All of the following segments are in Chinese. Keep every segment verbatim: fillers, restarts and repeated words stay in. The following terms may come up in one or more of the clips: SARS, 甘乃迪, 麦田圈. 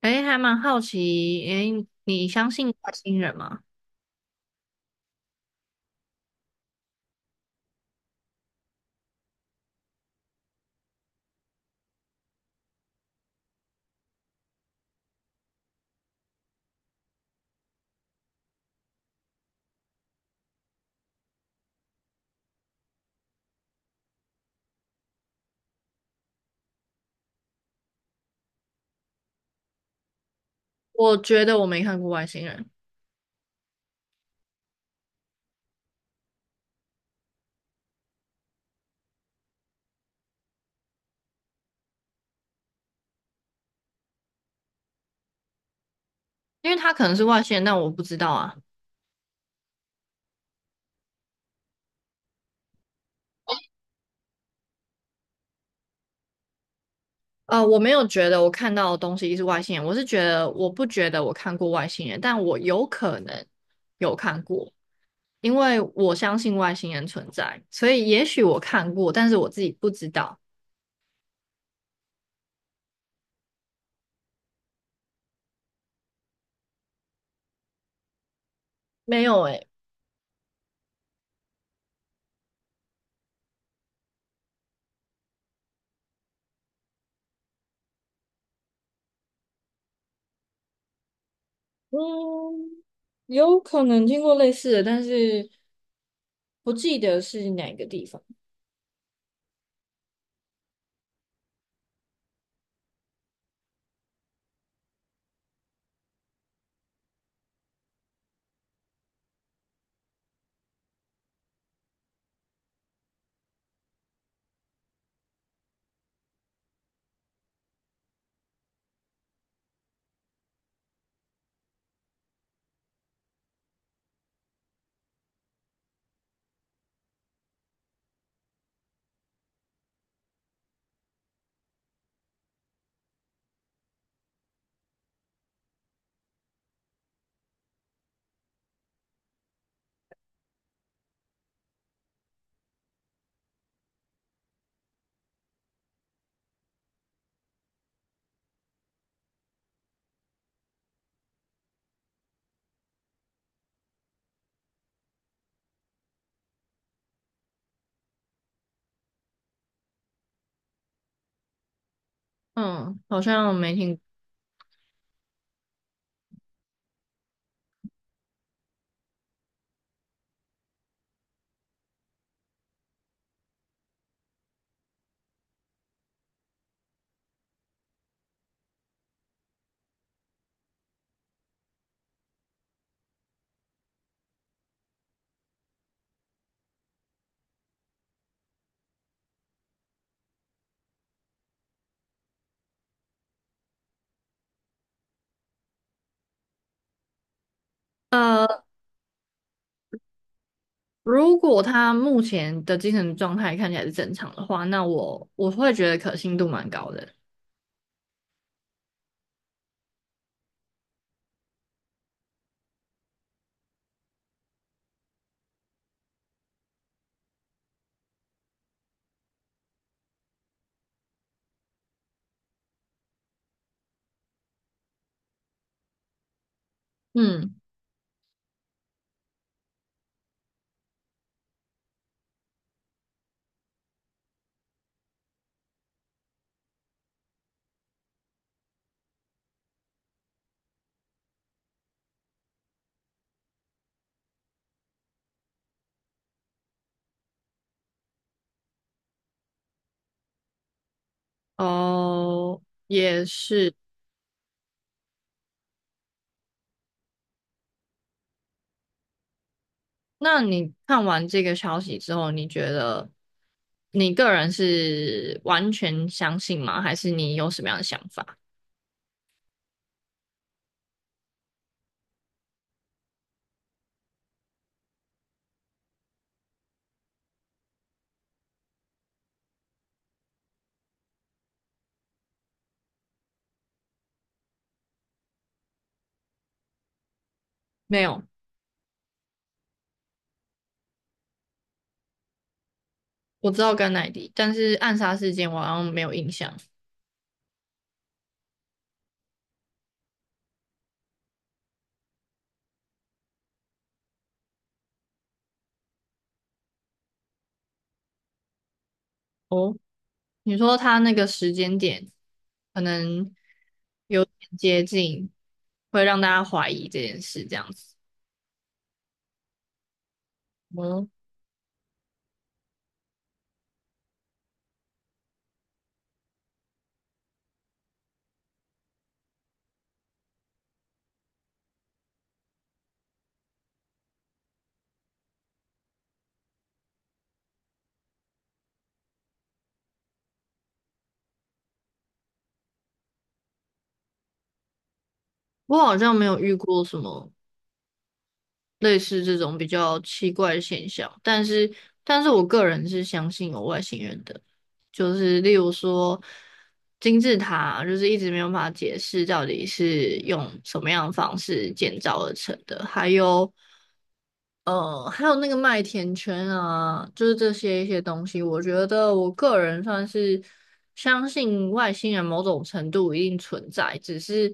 诶，还蛮好奇，诶，你相信外星人吗？我觉得我没看过外星人，因为他可能是外星人，但我不知道啊。呃，我没有觉得我看到的东西是外星人，我是觉得我不觉得我看过外星人，但我有可能有看过，因为我相信外星人存在，所以也许我看过，但是我自己不知道。没有诶，嗯，有可能听过类似的，但是不记得是哪个地方。嗯，好像没听过。呃如果他目前的精神状态看起来是正常的话，那我我会觉得可信度蛮高的。嗯，哦，也是。那你看完这个消息之后，你觉得你个人是完全相信吗？还是你有什么样的想法？没有，我知道甘乃迪，但是暗杀事件我好像没有印象。哦，你说他那个时间点可能有点接近，会让大家怀疑这件事，这样子。嗯，我好像没有遇过什么类似这种比较奇怪的现象，但是，但是我个人是相信有外星人的，就是例如说金字塔，就是一直没有办法解释到底是用什么样的方式建造而成的，还有呃，还有那个麦田圈啊，就是这些一些东西，我觉得我个人算是相信外星人某种程度一定存在，只是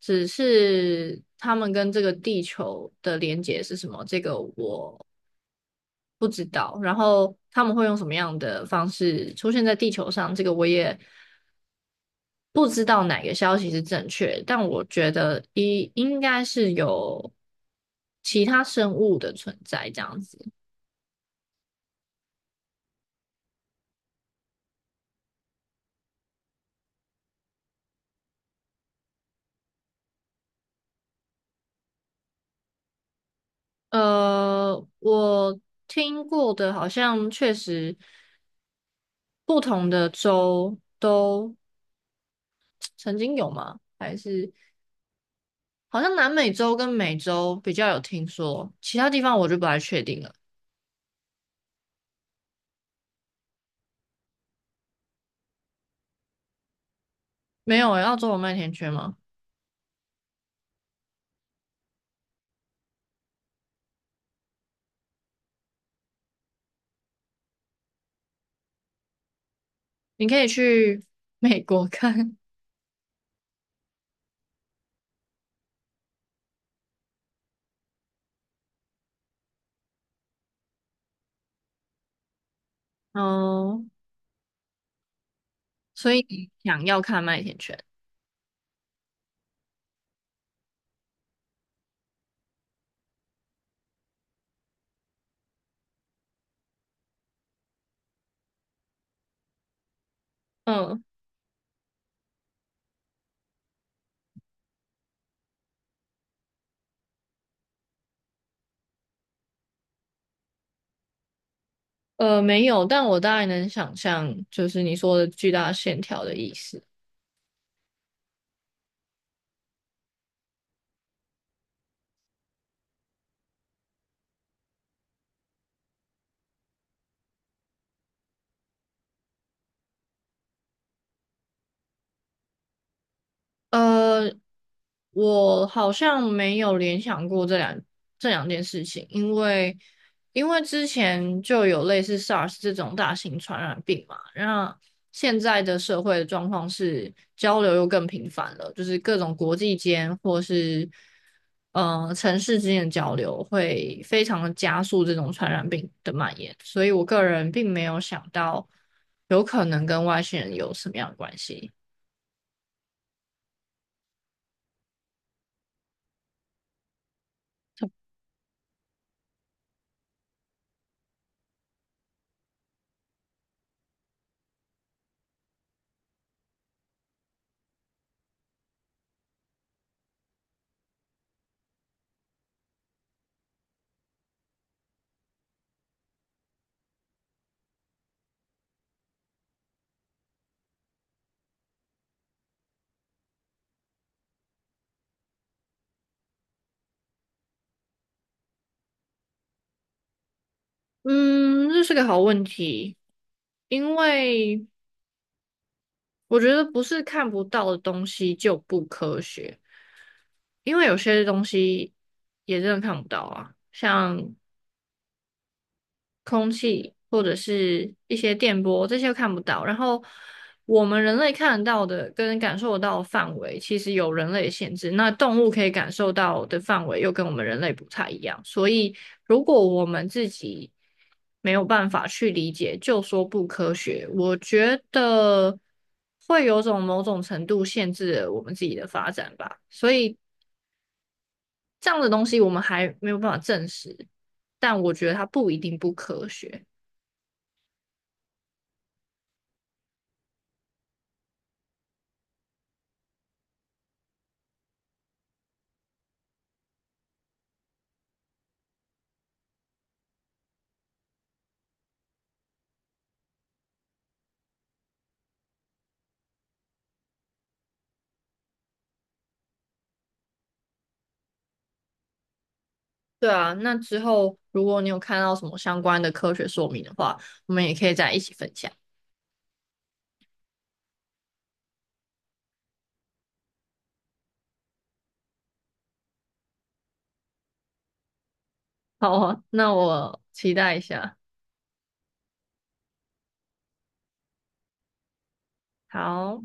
只是他们跟这个地球的连接是什么，这个我不知道。然后他们会用什么样的方式出现在地球上，这个我也不知道哪个消息是正确，但我觉得一应该是有其他生物的存在这样子。呃，我听过的好像确实不同的州都曾经有吗？还是好像南美洲跟美洲比较有听说，其他地方我就不太确定了。没有诶，澳洲有麦田圈吗？你可以去 美国看 哦。所以你想要看麦田圈？嗯，呃，没有，但我大概能想象，就是你说的巨大线条的意思。呃，我好像没有联想过这两这两件事情，因为因为之前就有类似 SARS 这种大型传染病嘛，那现在的社会的状况是交流又更频繁了，就是各种国际间或是呃城市之间的交流会非常的加速这种传染病的蔓延，所以我个人并没有想到有可能跟外星人有什么样的关系。嗯，这是个好问题，因为我觉得不是看不到的东西就不科学，因为有些东西也真的看不到啊，像空气或者是一些电波，这些都看不到。然后我们人类看得到的跟感受得到的范围，其实有人类的限制。那动物可以感受到的范围又跟我们人类不太一样，所以如果我们自己没有办法去理解，就说不科学，我觉得会有种某种程度限制了我们自己的发展吧。所以这样的东西我们还没有办法证实，但我觉得它不一定不科学。对啊，那之后如果你有看到什么相关的科学说明的话，我们也可以再一起分享。好啊，那我期待一下。好。